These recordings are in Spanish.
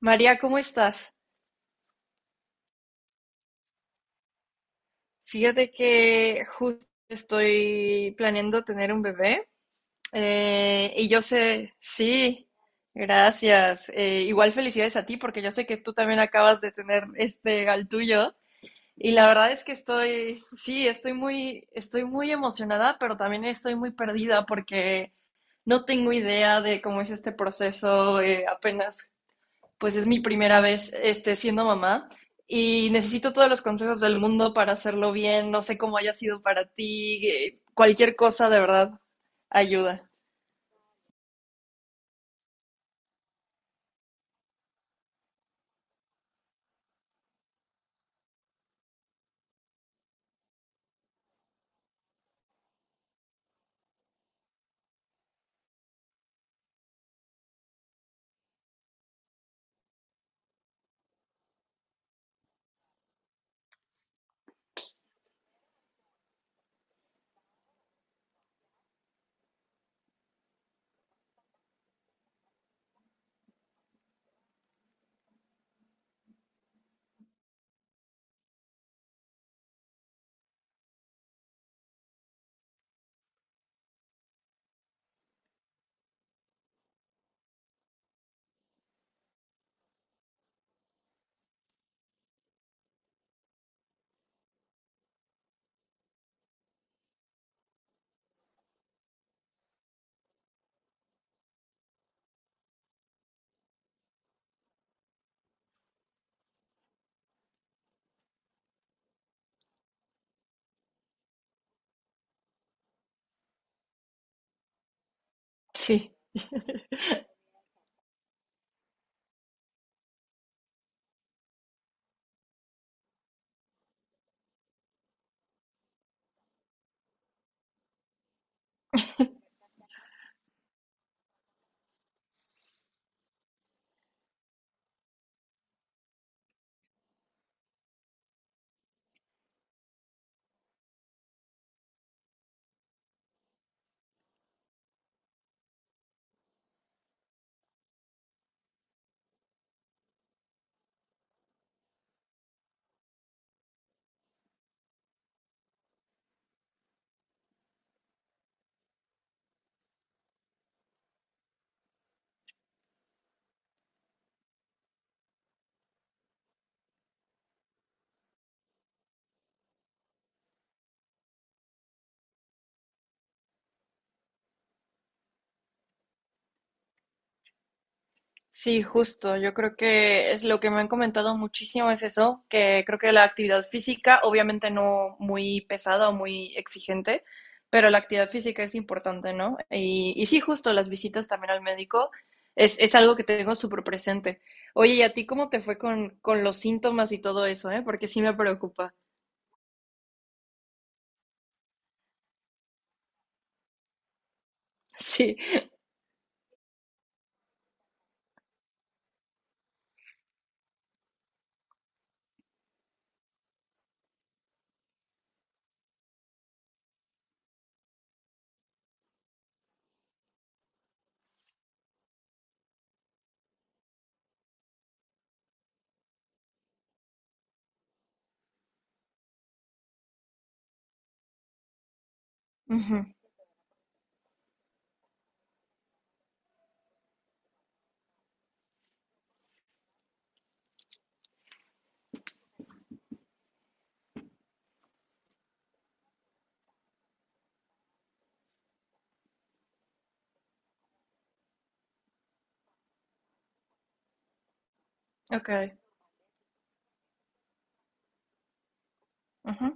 María, ¿cómo estás? Fíjate que justo estoy planeando tener un bebé, y yo sé, sí, gracias. Igual felicidades a ti porque yo sé que tú también acabas de tener este al tuyo, y la verdad es que sí, estoy muy emocionada, pero también estoy muy perdida porque no tengo idea de cómo es este proceso. Apenas pues es mi primera vez siendo mamá, y necesito todos los consejos del mundo para hacerlo bien. No sé cómo haya sido para ti. Cualquier cosa de verdad ayuda. Sí. Sí, justo. Yo creo que es lo que me han comentado muchísimo es eso, que creo que la actividad física, obviamente no muy pesada o muy exigente, pero la actividad física es importante, ¿no? Y sí, justo las visitas también al médico es algo que tengo súper presente. Oye, ¿y a ti cómo te fue con los síntomas y todo eso, eh? Porque sí me preocupa. Sí. Ujú. Ok. Ujú.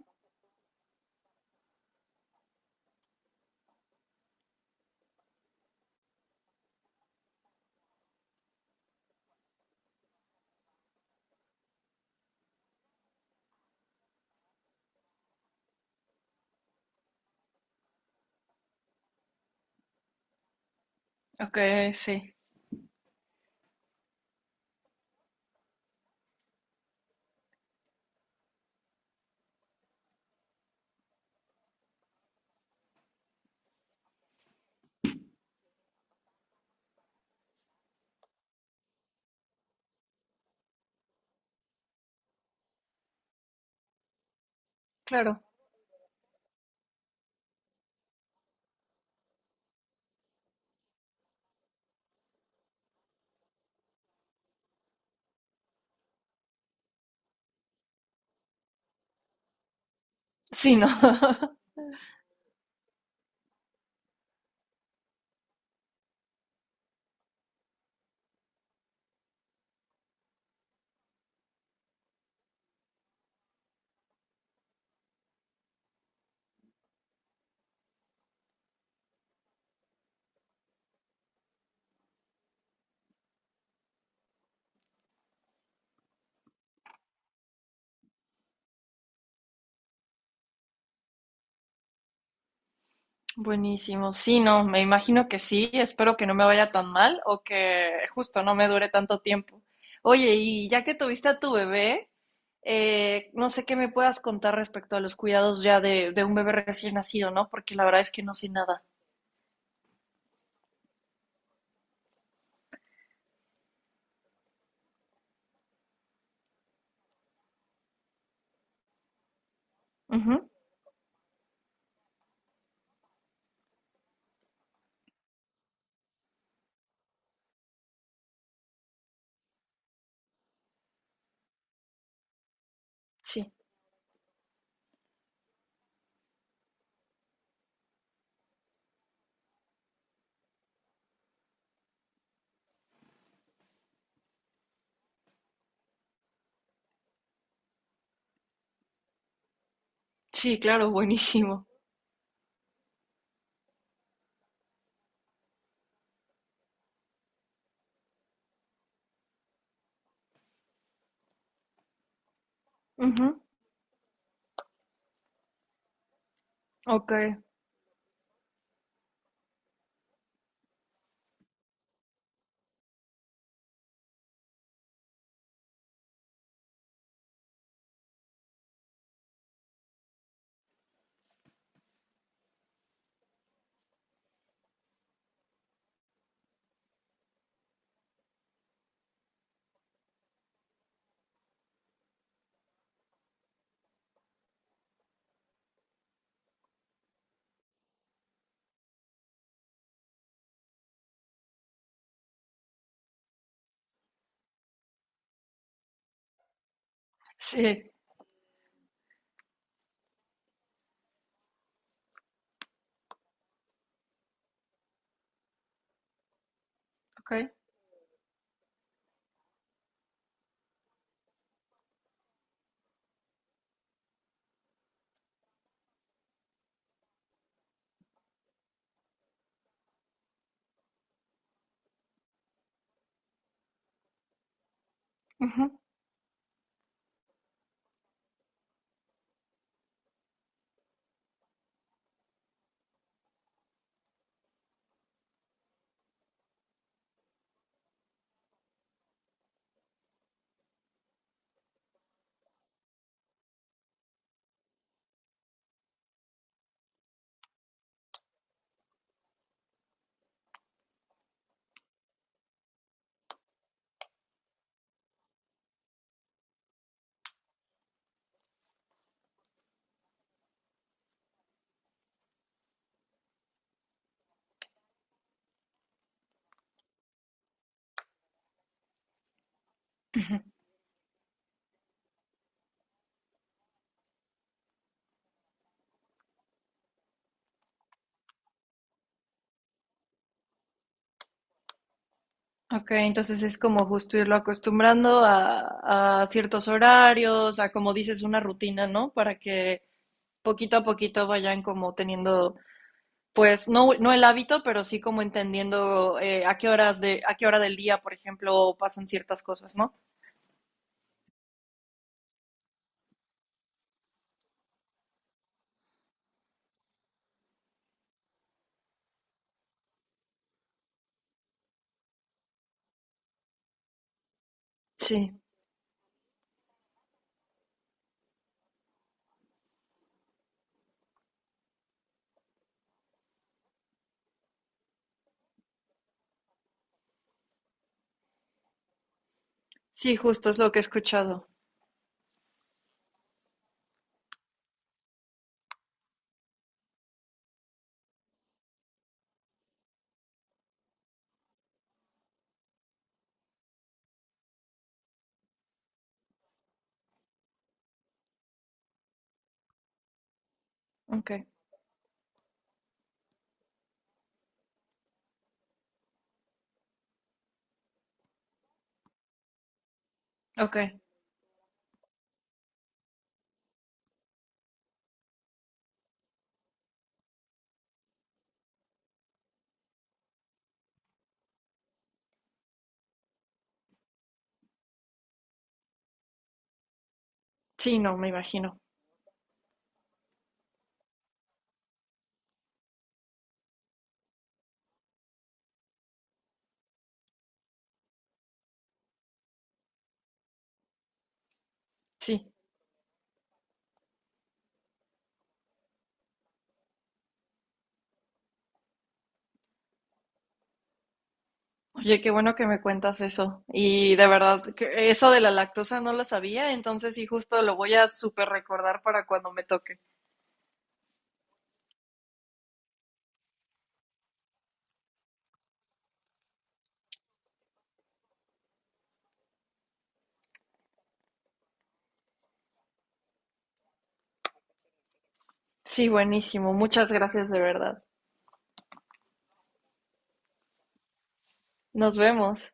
Ok, sí. Claro. Sí, ¿no? Buenísimo. Sí, no, me imagino que sí. Espero que no me vaya tan mal o que justo no me dure tanto tiempo. Oye, y ya que tuviste a tu bebé, no sé qué me puedas contar respecto a los cuidados ya de un bebé recién nacido, ¿no? Porque la verdad es que no sé nada. Ujú. Sí, sí, claro, buenísimo. Ujú. Ok, sí, ok. Ujú. Ok, entonces es como justo irlo acostumbrando a ciertos horarios, a como dices, una rutina, ¿no? Para que poquito a poquito vayan como teniendo, pues no, no el hábito, pero sí como entendiendo, a qué hora del día, por ejemplo, pasan ciertas cosas, ¿no? Sí, sí, justo es lo que he escuchado. Ok, ok. Sí, no, me imagino. Sí. Oye, qué bueno que me cuentas eso. Y de verdad, que eso de la lactosa no lo sabía, entonces sí, justo lo voy a súper recordar para cuando me toque. Sí, buenísimo. Muchas gracias de verdad. Nos vemos.